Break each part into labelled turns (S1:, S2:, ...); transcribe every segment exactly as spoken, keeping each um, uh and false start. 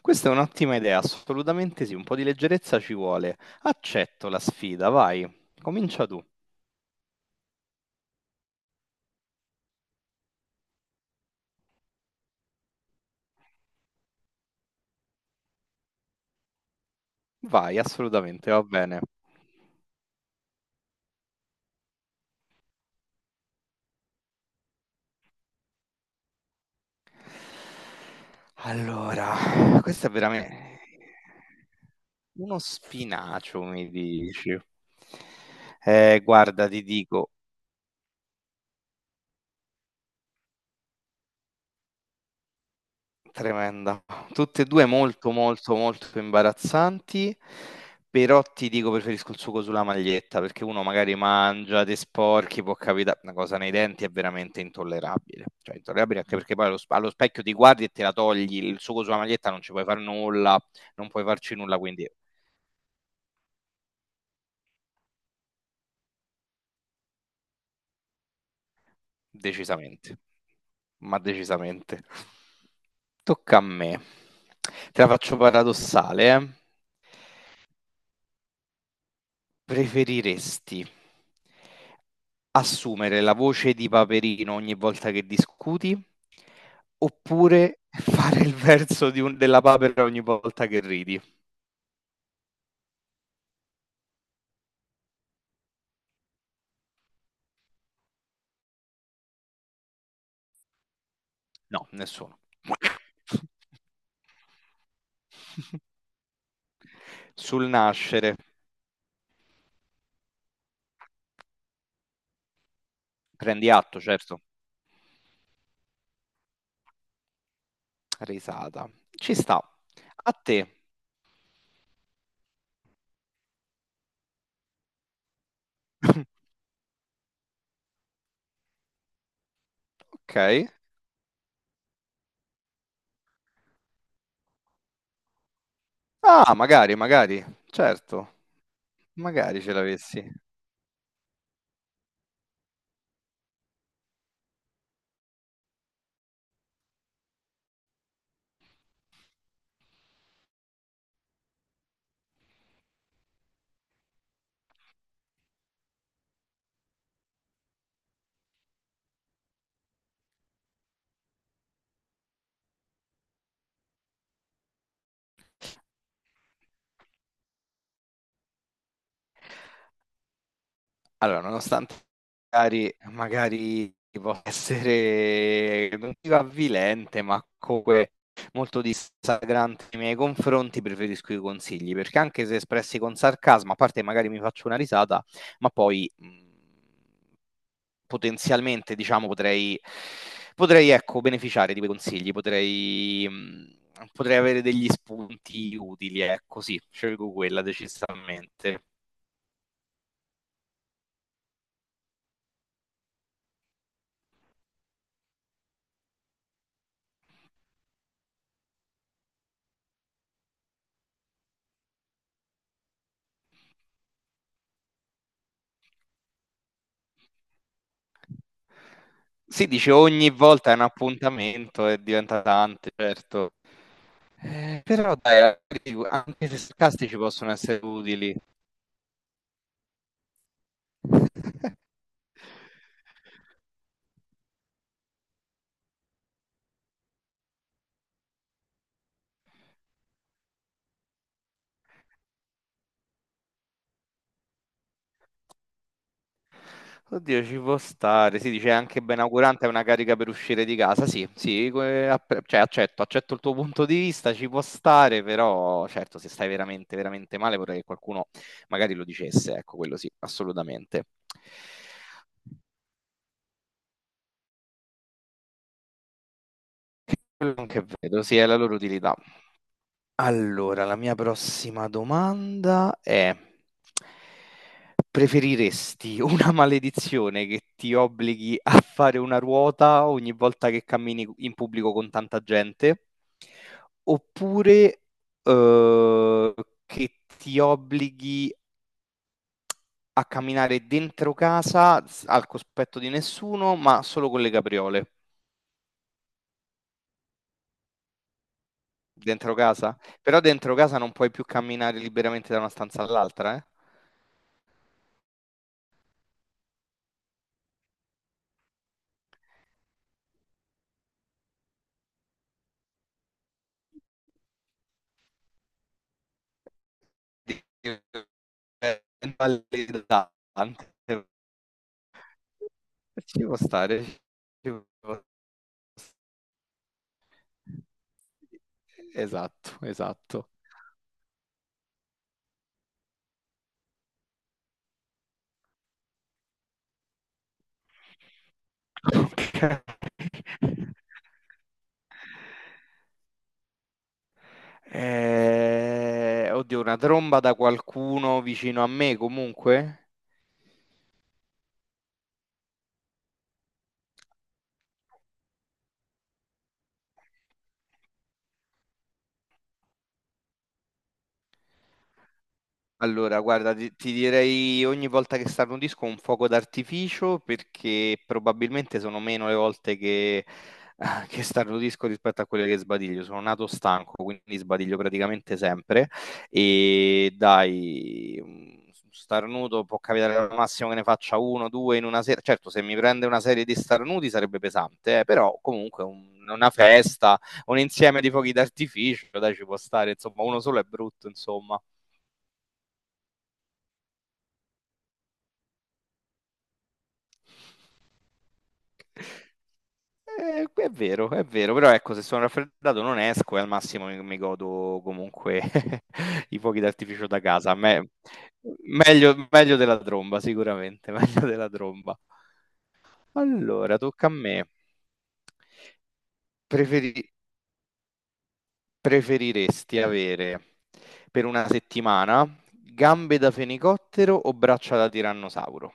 S1: Questa è un'ottima idea, assolutamente sì, un po' di leggerezza ci vuole. Accetto la sfida, vai, comincia tu. Vai, assolutamente, va bene. Allora, questo è veramente uno spinacio, mi dici. Eh, guarda, ti dico, tremenda. Tutte e due molto, molto, molto imbarazzanti, però ti dico preferisco il sugo sulla maglietta perché uno magari mangia, ti sporchi, può capitare una cosa nei denti è veramente intollerabile. Cioè, intollerabile anche perché poi allo, sp- allo specchio ti guardi e te la togli, il sugo sulla maglietta non ci puoi fare nulla, non puoi farci nulla, quindi decisamente, ma decisamente. Tocca a me. Te la faccio paradossale, eh. Preferiresti assumere la voce di Paperino ogni volta che discuti oppure fare il verso di un- della papera ogni volta che ridi? No, nessuno. Sul nascere, prendi atto, certo. Risata. Ci sta. A te. Ok. Ah, magari, magari. Certo, magari ce l'avessi. Allora, nonostante magari magari possa essere non dico avvilente, ma comunque molto dissacrante nei miei confronti, preferisco i consigli, perché anche se espressi con sarcasmo, a parte magari mi faccio una risata, ma poi, mhmm, potenzialmente diciamo potrei potrei ecco beneficiare di quei consigli, potrei mhmm, potrei avere degli spunti utili, ecco sì, scelgo quella decisamente. Sì, dice ogni volta è un appuntamento e diventa tante, certo. Eh, però dai, anche se sarcastici possono essere utili. Oddio, ci può stare. Si dice anche benaugurante è una carica per uscire di casa. Sì, sì, que- app- cioè, accetto, accetto il tuo punto di vista, ci può stare, però certo, se stai veramente, veramente male, vorrei che qualcuno magari lo dicesse. Ecco, quello sì, assolutamente. Quello che vedo, sì, è la loro utilità. Allora, la mia prossima domanda è: preferiresti una maledizione che ti obblighi a fare una ruota ogni volta che cammini in pubblico con tanta gente, oppure eh, che ti obblighi a camminare dentro casa s- al cospetto di nessuno, ma solo con le capriole? Dentro casa? Però dentro casa non puoi più camminare liberamente da una stanza all'altra, eh? Invalidante. Ci può stare, ci può s Esatto, esatto. Okay. Ehm, oddio, una tromba da qualcuno vicino a me comunque? Allora, guarda, ti, ti direi ogni volta che sale un disco un fuoco d'artificio perché probabilmente sono meno le volte che, che starno disco rispetto a quelle che sbadiglio. Sono nato stanco, quindi sbadiglio praticamente sempre. E dai, un starnuto può capitare al massimo che ne faccia uno, due in una sera. Certo, se mi prende una serie di starnuti sarebbe pesante, eh, però comunque un- una festa, un insieme di fuochi d'artificio, dai, ci può stare. Insomma, uno solo è brutto, insomma. Eh, è vero, è vero, però ecco, se sono raffreddato non esco e al massimo mi, mi godo comunque i fuochi d'artificio da casa. A me- meglio, meglio della tromba, sicuramente, meglio della tromba. Allora, tocca a me. Preferi- preferiresti avere per una settimana gambe da fenicottero o braccia da tirannosauro?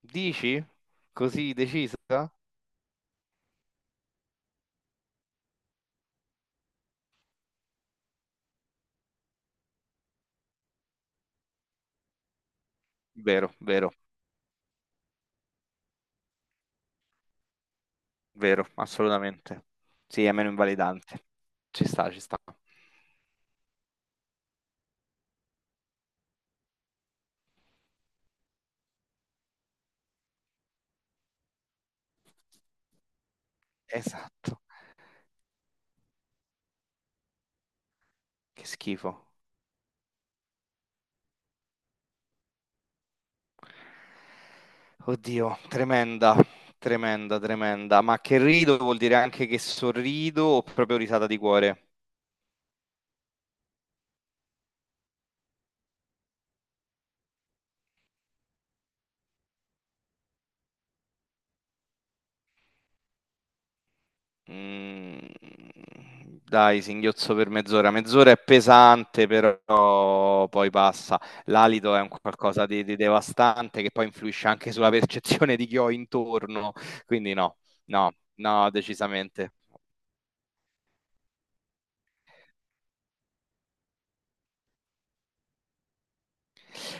S1: Dici? Così decisa? Vero, vero. Vero, assolutamente. Sì, è meno invalidante. Ci sta, ci sta. Esatto. Che schifo. Oddio, tremenda, tremenda, tremenda. Ma che rido vuol dire anche che sorrido o proprio risata di cuore? Mm, dai, singhiozzo per mezz'ora. Mezz'ora è pesante, però poi passa. L'alito è un qualcosa di, di devastante che poi influisce anche sulla percezione di chi ho intorno. Quindi no, no, no, decisamente.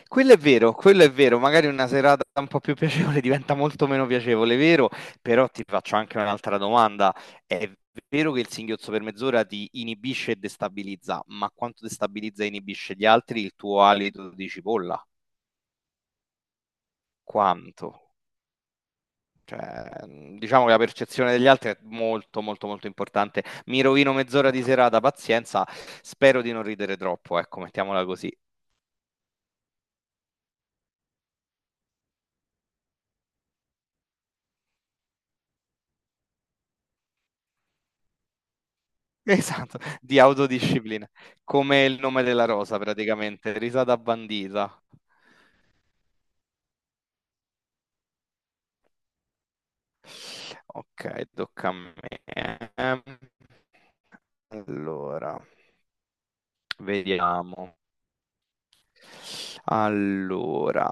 S1: Quello è vero, quello è vero, magari una serata un po' più piacevole diventa molto meno piacevole, vero? Però ti faccio anche un'altra domanda. È vero che il singhiozzo per mezz'ora ti inibisce e destabilizza, ma quanto destabilizza e inibisce gli altri il tuo alito di cipolla? Quanto? Cioè, diciamo che la percezione degli altri è molto, molto, molto importante. Mi rovino mezz'ora di serata, pazienza, spero di non ridere troppo, ecco, mettiamola così. Esatto, di autodisciplina, come il nome della rosa praticamente, risata bandita. Ok, tocca a me. Ehm, Allora, vediamo. Allora,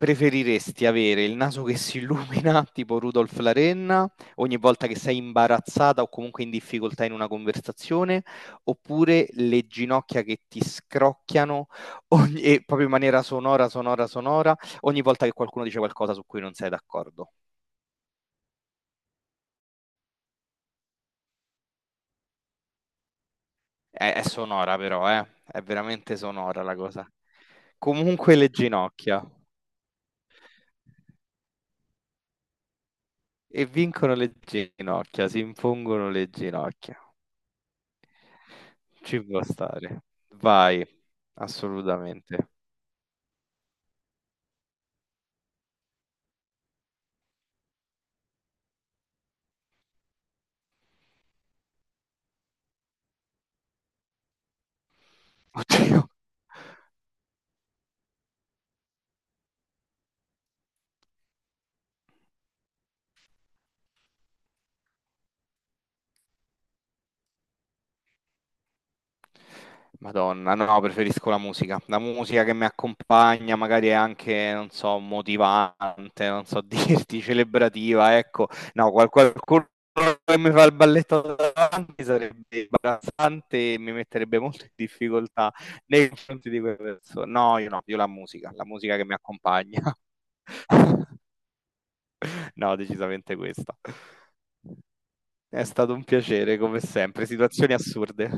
S1: preferiresti avere il naso che si illumina, tipo Rudolf la renna, ogni volta che sei imbarazzata o comunque in difficoltà in una conversazione, oppure le ginocchia che ti scrocchiano ogni- e proprio in maniera sonora, sonora, sonora, ogni volta che qualcuno dice qualcosa su cui non sei d'accordo? È, è sonora però, eh? È veramente sonora la cosa. Comunque le ginocchia. E vincono le ginocchia, si impongono le ginocchia. Ci può stare. Vai, assolutamente. Oddio. Madonna, no, preferisco la musica. La musica che mi accompagna, magari è anche, non so, motivante, non so dirti, celebrativa, ecco. No, qual- qualcuno che mi fa il balletto davanti sarebbe imbarazzante e mi metterebbe molto in difficoltà nei confronti di quelle persone. No, io no, io la musica, la musica che mi accompagna. No, decisamente questa. È stato un piacere, come sempre, situazioni assurde.